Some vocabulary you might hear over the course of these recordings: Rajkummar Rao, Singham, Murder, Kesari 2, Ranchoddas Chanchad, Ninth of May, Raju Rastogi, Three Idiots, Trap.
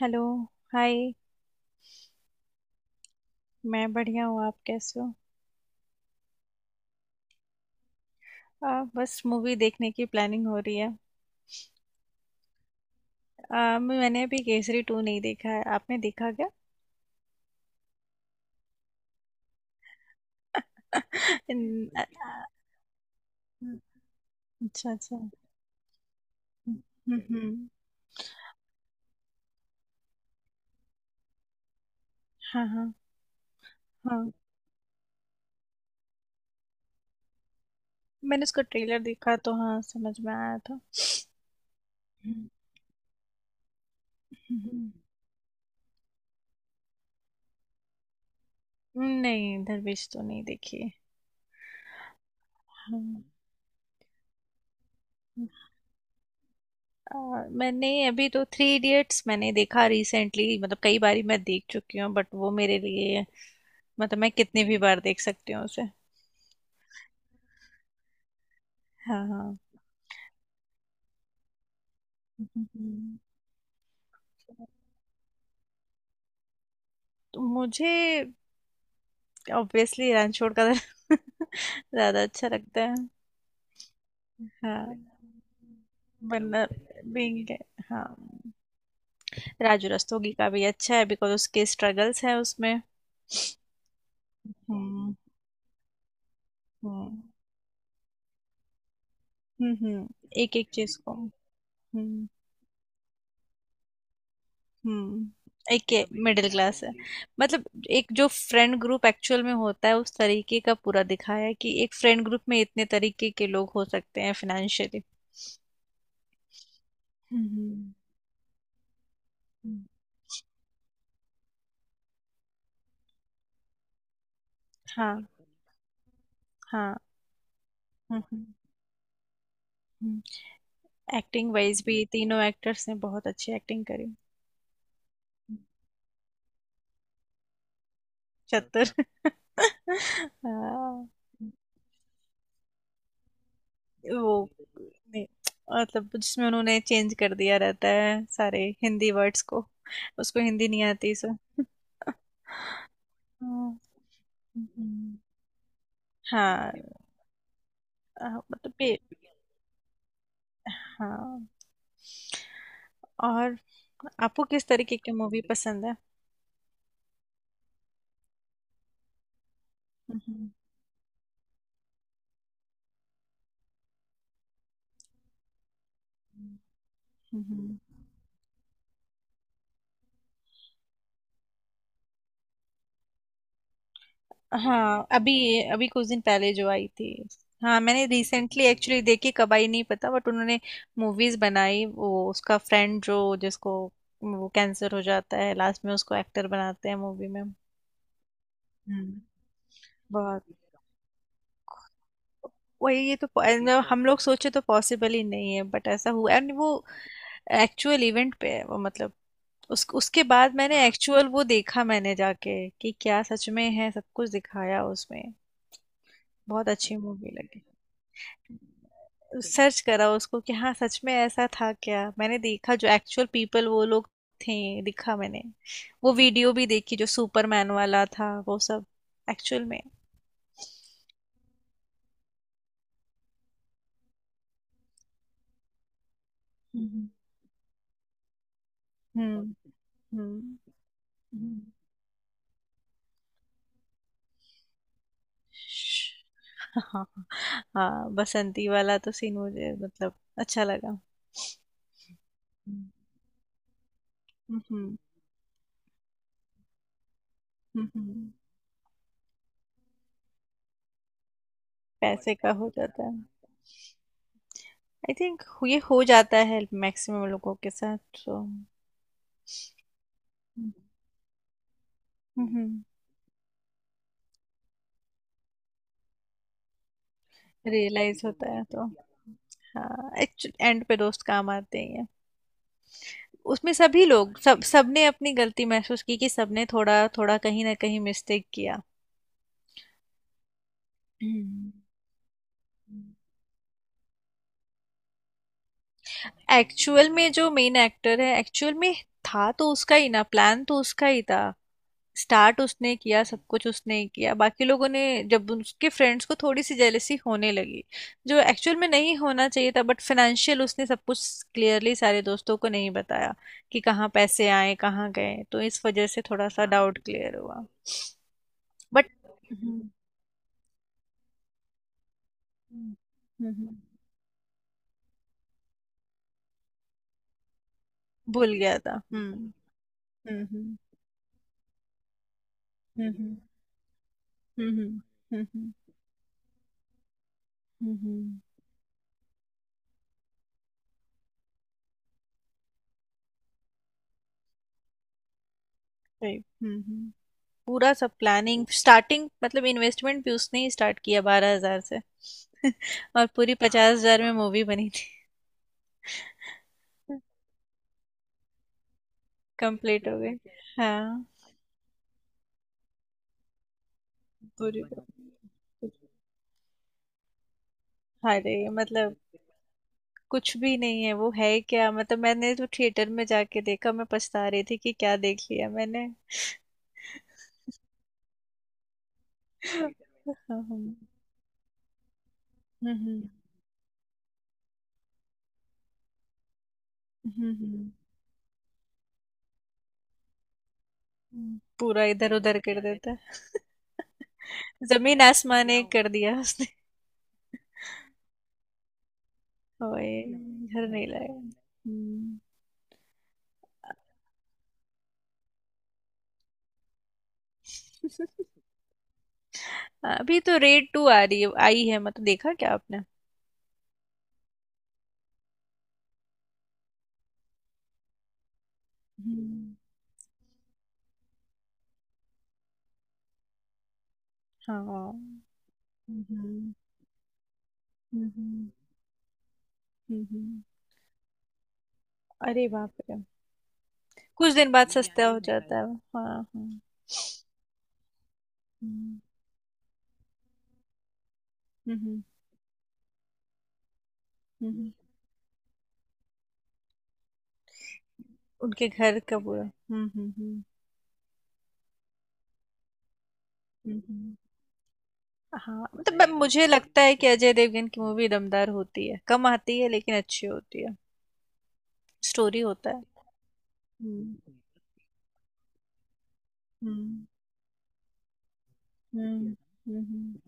Hello. Hi. मैं बढ़िया हूँ। आप कैसे हो? बस मूवी देखने की प्लानिंग हो रही है। मैंने अभी केसरी टू नहीं देखा है। आपने देखा क्या? इन- आ- आ- अच्छा, अच्छा। हम्म, हम्म। हाँ, हाँ। हाँ, मैंने उसका ट्रेलर देखा तो हाँ समझ में आया था। हम्म, हम्म। हम्म। नहीं, दरवेश तो नहीं देखी। हाँ। मैंने अभी तो थ्री इडियट्स मैंने देखा रिसेंटली, मतलब कई बारी मैं देख चुकी हूँ, बट वो मेरे लिए मतलब मैं कितनी भी बार देख सकती हूँ उसे। हाँ, हाँ। हम्म। तो मुझे ऑब्वियसली रणछोड़ का ज्यादा अच्छा लगता है। हाँ, वरना being, हाँ। राजू रस्तोगी का भी अच्छा है बिकॉज उसके स्ट्रगल्स हैं उसमें। हम्म, हम्म, हम्म। एक एक चीज को। हम्म, हम्म। एक के तभी मिडिल क्लास है जी। मतलब एक जो फ्रेंड ग्रुप एक्चुअल में होता है उस तरीके का पूरा दिखाया है कि एक फ्रेंड ग्रुप में इतने तरीके के लोग हो सकते हैं, फाइनेंशियली। हम्म, हम्म, हाँ, हाँ, हम्म। एक्टिंग वाइज भी तीनों एक्टर्स ने बहुत अच्छी एक्टिंग करी। हम्म। चतुर। हाँ। हम्म। वो ने- मतलब जिसमें उन्होंने चेंज कर दिया रहता है सारे हिंदी वर्ड्स को। उसको हिंदी नहीं आती, सो। हाँ। हम्म। हाँ। अ, मतलब पे। हाँ। और आपको किस तरीके की मूवी पसंद है? हम्म, हम्म। हाँ, अभी अभी कुछ दिन पहले जो आई थी। हाँ, मैंने रिसेंटली एक्चुअली देखी, कब आई नहीं पता, बट उन्होंने मूवीज बनाई। वो उसका फ्रेंड जो जिसको वो कैंसर हो जाता है लास्ट में, उसको एक्टर बनाते हैं मूवी में। हम्म। बहुत। वही ये तो मतलब हम लोग सोचे तो पॉसिबल ही नहीं है, बट ऐसा हुआ है, और वो एक्चुअल इवेंट पे है वो, मतलब उस उसके बाद मैंने एक्चुअल वो देखा, मैंने जाके कि क्या सच में है सब कुछ दिखाया उसमें। बहुत अच्छी मूवी लगी। सर्च करा उसको कि हाँ सच में ऐसा था क्या, मैंने देखा जो एक्चुअल पीपल वो लोग थे, दिखा मैंने। वो वीडियो भी देखी जो सुपरमैन वाला था वो सब एक्चुअल में। हम्म, हम्म, हम्म। हम्म। हाँ, हाँ, बसंती वाला तो सीन मुझे मतलब अच्छा लगा। हम्म, हम्म, हम्म। पैसे का हो जाता है, आई थिंक। ये हो जाता है मैक्सिमम लोगों के साथ। तो हम्म। रियलाइज होता है तो। हाँ, एंड पे दोस्त काम आते ही हैं। उसमें सभी लोग सब सबने अपनी गलती महसूस की कि सबने थोड़ा थोड़ा कहीं ना कहीं मिस्टेक किया। हम्म। एक्चुअल में जो मेन एक्टर है एक्चुअल में था, तो उसका ही ना प्लान, तो उसका ही था। स्टार्ट उसने किया, सब कुछ उसने ही किया, बाकी लोगों ने जब उसके फ्रेंड्स को थोड़ी सी जेलेसी होने लगी जो एक्चुअल में नहीं होना चाहिए था, बट फाइनेंशियल उसने सब कुछ क्लियरली सारे दोस्तों को नहीं बताया कि कहाँ पैसे आए कहाँ गए, तो इस वजह से थोड़ा सा डाउट क्लियर हुआ। बट हम्म, हम्म, हम्म, भूल गया था, हम्म, हम्म, हम्म, हम्म, हम्म, हम्म, हम्म, हम्म, हम्म, सही, हम्म, हम्म। पूरा सब प्लानिंग स्टार्टिंग, मतलब इन्वेस्टमेंट भी उसने ही स्टार्ट किया 12,000 से। और पूरी 50,000 में मूवी बनी थी। कंप्लीट हो गई। हाँ, पूरी। अरे मतलब कुछ भी नहीं है, वो है क्या, मतलब मैंने तो थिएटर में जाके देखा, मैं पछता रही थी कि क्या देख लिया मैंने। हाँ। हम्म, हम्म, हम्म, हम्म। पूरा इधर उधर कर देता। जमीन आसमान एक कर दिया उसने। ओए। घर नहीं लाया। हम्म। हाँ, अभी तो रेड टू आ रही है, आई है, मतलब देखा क्या आपने? हम्म। हाँ, हम्म, हम्म, हम्म। अरे बाप रे। कुछ दिन बाद अभी सस्ता आई हो है जाता कल है वो। हाँ, हाँ। हम्म, हम्म, हम्म। उनके घर का ये पूरा है। हम्म, हम्म, हम्म। हाँ, मतलब अरे बाप मुझे रे लगता है कि अजय देवगन की मूवी दमदार होती है, कम आती है लेकिन अच्छी होती है। स्टोरी होता है। हम्म, हम्म, हम्म, हम्म, हम्म, हम्म,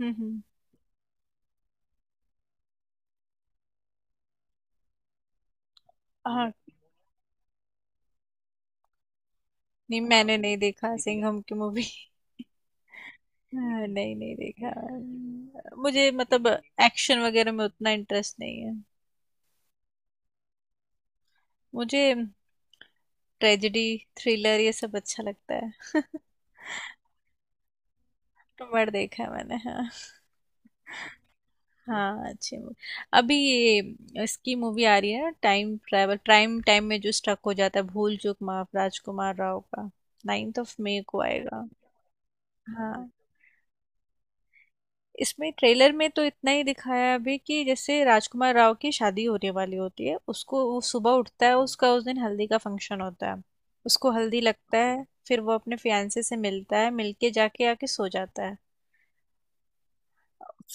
हम्म, हम्म। हाँ, नहीं, मैंने नहीं देखा सिंघम की मूवी। नहीं, नहीं देखा। मुझे मतलब एक्शन वगैरह में उतना इंटरेस्ट नहीं है। मुझे ट्रेजेडी, थ्रिलर ये सब अच्छा लगता है। मर्ड देखा है मैंने। हाँ। हाँ, अच्छी मूवी। अभी ये इसकी मूवी आ रही है ना, टाइम ट्रैवल, प्राइम टाइम में जो स्टक हो जाता है, भूल चूक माफ, राजकुमार राव का। 9 मई को आएगा। हाँ, इसमें ट्रेलर में तो इतना ही दिखाया है अभी कि जैसे राजकुमार राव की शादी होने वाली होती है, उसको वो सुबह उठता है, उसका उस दिन हल्दी का फंक्शन होता है। उसको हल्दी लगता है, फिर वो अपने फियांसे से मिलता है, मिलके जाके आके सो जाता है।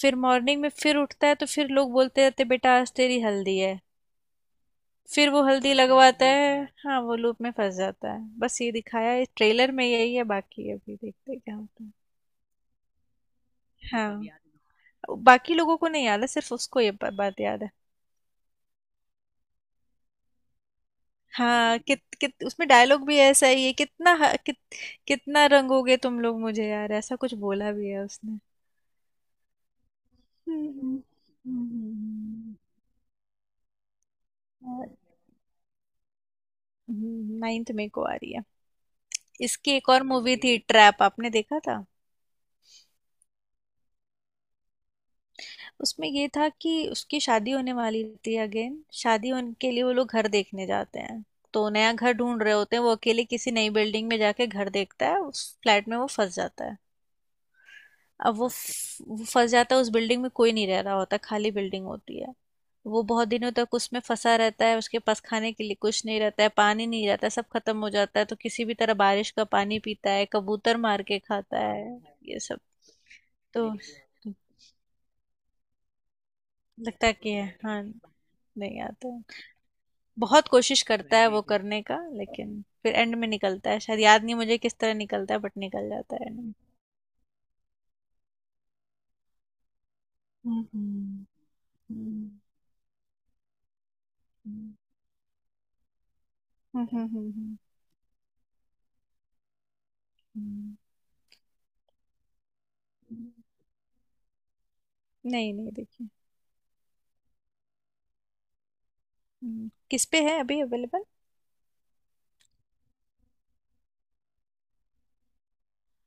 फिर मॉर्निंग में फिर उठता है तो फिर लोग बोलते रहते बेटा आज तेरी हल्दी है। फिर वो हल्दी लगवाता है, हाँ वो लूप में फंस जाता है। बस ये दिखाया है ट्रेलर में, यही है, बाकी अभी देखते हैं क्या होता है। हाँ, बाकी लोगों को नहीं याद है, सिर्फ उसको ये बात याद है। हाँ, कित कित उसमें डायलॉग भी ऐसा ही है। कितना कितना रंगोगे तुम लोग मुझे यार, ऐसा कुछ बोला भी है उसने। हम्म, हम्म। और- 9 में को आ रही है। इसकी एक और मूवी थी ट्रैप, आपने देखा था? उसमें ये था कि उसकी शादी होने वाली थी, अगेन शादी होने के लिए वो लोग घर देखने जाते हैं। तो नया घर ढूंढ रहे होते हैं, वो अकेले किसी नई बिल्डिंग में जाके घर देखता है, उस फ्लैट में वो फंस जाता है। अब वो फंस जाता है उस बिल्डिंग में, कोई नहीं रह रहा होता, खाली बिल्डिंग होती है। वो बहुत दिनों तक उसमें फंसा रहता है, उसके पास खाने के लिए कुछ नहीं रहता है, पानी नहीं रहता है, सब खत्म हो जाता है, तो किसी भी तरह बारिश का पानी पीता है, कबूतर मार के खाता है ये सब। तो लगता है कि हाँ। नहीं आता है। बहुत कोशिश करता है वो करने का लेकिन फिर एंड में निकलता है, शायद याद नहीं मुझे किस तरह निकलता है बट निकल जाता है एंड में। हम्म, हम्म, हम्म, हम्म, हम्म, हम्म, हम्म, हम्म। नहीं, नहीं देखिए। किस पे है अभी अवेलेबल?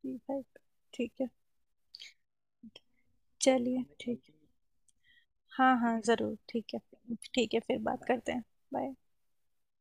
जी फाइव। ठीक है। चलिए, ठीक है। हाँ, हाँ ज़रूर, ठीक है। ठीक है, फिर बात करते हैं। बाय।